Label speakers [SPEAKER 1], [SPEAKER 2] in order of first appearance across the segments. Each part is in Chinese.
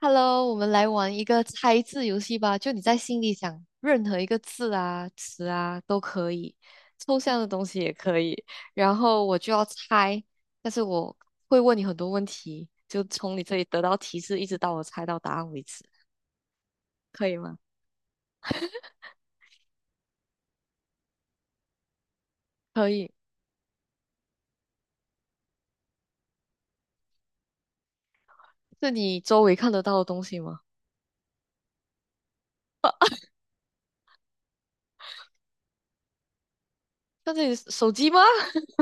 [SPEAKER 1] Hello，我们来玩一个猜字游戏吧。就你在心里想任何一个字啊、词啊都可以，抽象的东西也可以。然后我就要猜，但是我会问你很多问题，就从你这里得到提示，一直到我猜到答案为止，可以吗？可以。是你周围看得到的东西吗？看这里手机吗？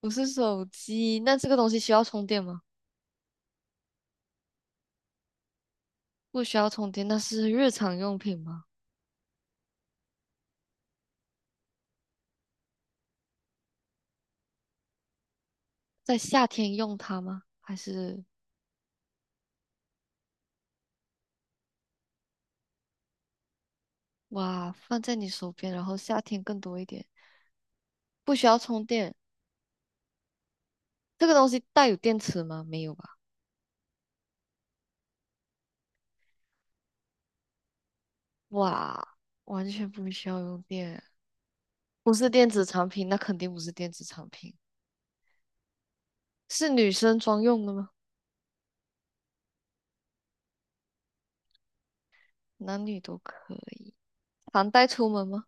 [SPEAKER 1] 不是手机，那这个东西需要充电吗？不需要充电，那是日常用品吗？在夏天用它吗？还是？哇，放在你手边，然后夏天更多一点，不需要充电。这个东西带有电池吗？没有吧？哇，完全不需要用电，不是电子产品，那肯定不是电子产品，是女生专用的吗？男女都可以，常带出门吗？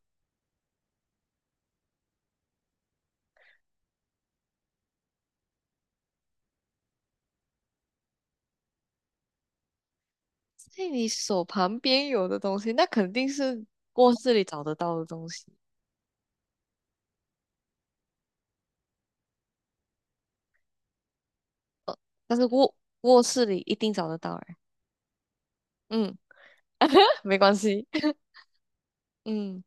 [SPEAKER 1] 在你手旁边有的东西，那肯定是卧室里找得到的东西，但是卧室里一定找得到哎。嗯，没关系。嗯，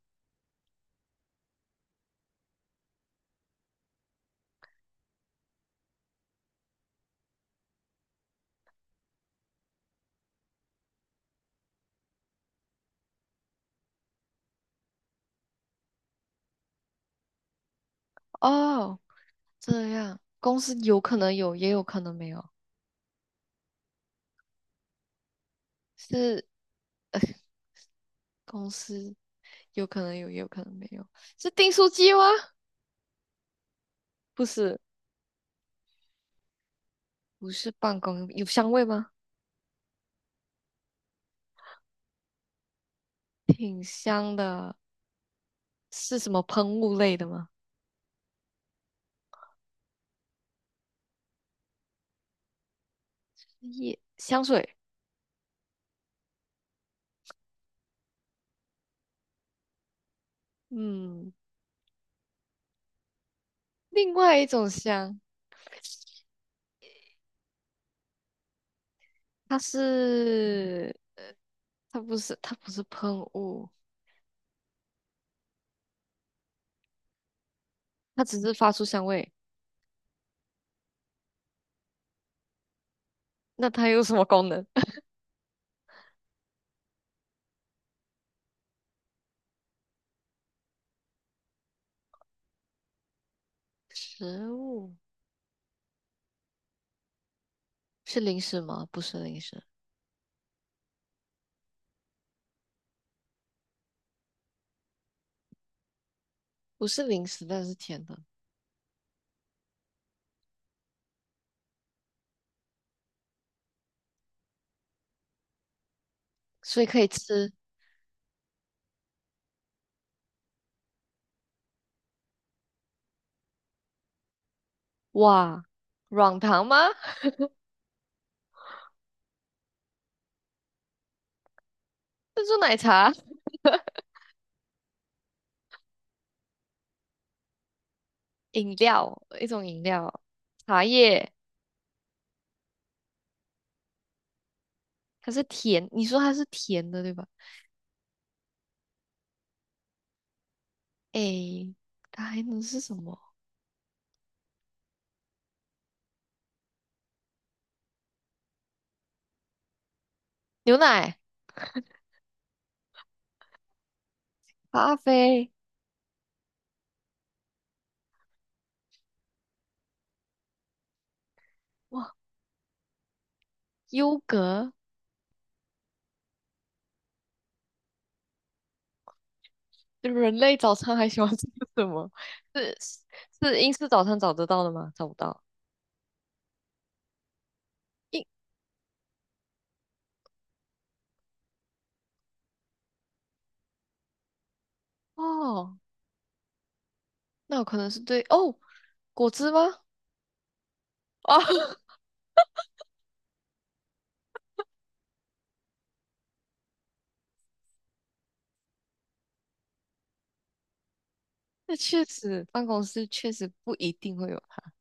[SPEAKER 1] 哦，这样，公司有可能有，也有可能没有。是公司，有可能有，也有可能没有。是订书机吗？不是，不是办公，有香味吗？挺香的，是什么喷雾类的吗？液香水，嗯，另外一种香，它是它不是喷雾，它只是发出香味。那它有什么功能？食物是零食吗？不是零食，不是零食，但是甜的，所以可以吃。哇，软糖吗？珍珠奶茶 饮料，一种饮料，茶叶，它是甜，你说它是甜的对吧？诶，它还能是什么？牛奶、咖啡，哇，优格，人类早餐还喜欢吃什么？是是是英式早餐找得到的吗？找不到。英哦，那有可能是对哦，果汁吗？哦，那确实，办公室确实不一定会有它。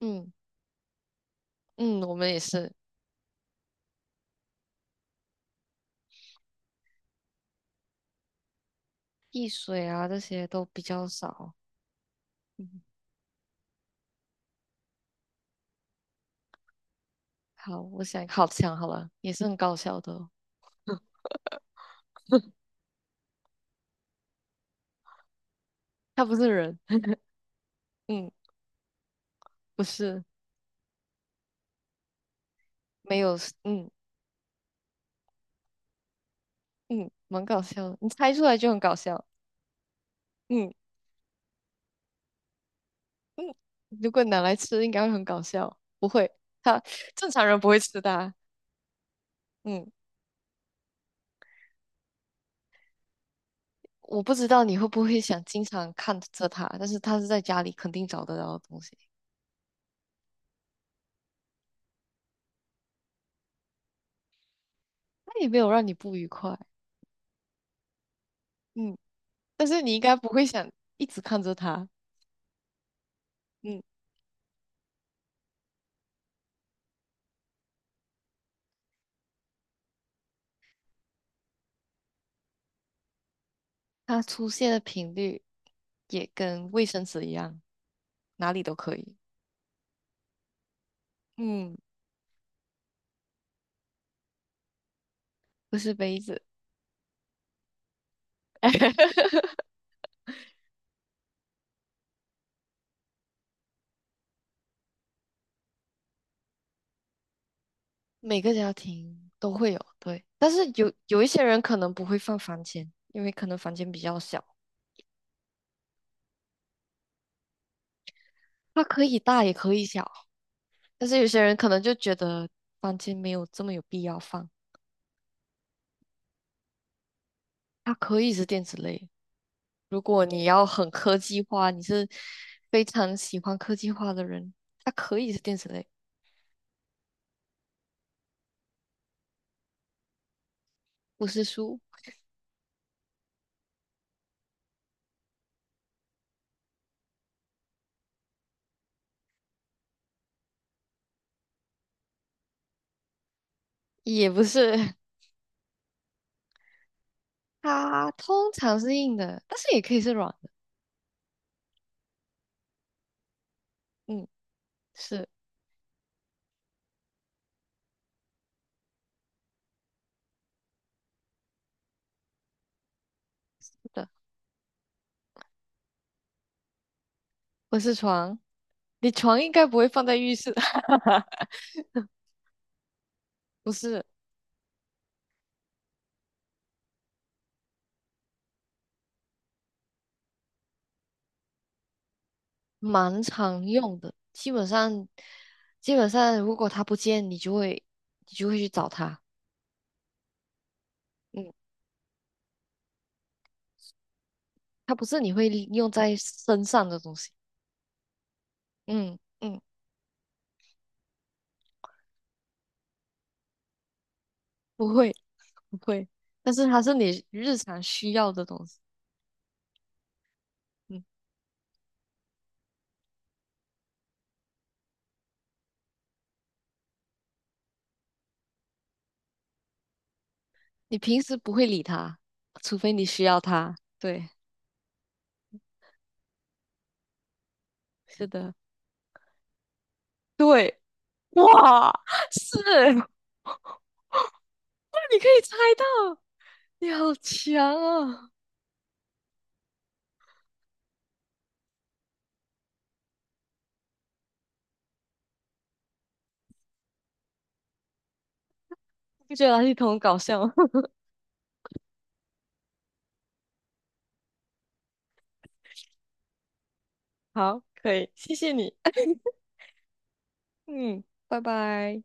[SPEAKER 1] 嗯嗯，我们也是，汽水啊这些都比较少。嗯好，我想好了，也是很搞笑的哦。他不是人，嗯，不是，没有，嗯嗯，蛮搞笑的。你猜出来就很搞笑，嗯嗯。如果拿来吃，应该会很搞笑。不会，他正常人不会吃的啊嗯，我不知道你会不会想经常看着他，但是他是在家里肯定找得到的东西，他也没有让你不愉快。嗯，但是你应该不会想一直看着他。嗯，它出现的频率也跟卫生纸一样，哪里都可以。嗯，不是杯子，每个家庭都会有，对。但是有一些人可能不会放房间，因为可能房间比较小，它可以大也可以小。但是有些人可能就觉得房间没有这么有必要放，它可以是电子类。如果你要很科技化，你是非常喜欢科技化的人，它可以是电子类，不是书，也不是，它通常是硬的，但是也可以是软的。嗯，是是的，不是床。你床应该不会放在浴室，不是，蛮常用的。基本上，基本上如果它不见，你就会去找它。嗯，它不是你会用在身上的东西。嗯嗯，不会不会，但是它是你日常需要的东西。嗯，你平时不会理它，除非你需要它。对，是的，对，哇，是，你可以猜到，你好强啊！不觉得垃圾桶很搞笑吗？好，可以，谢谢你。嗯，拜拜。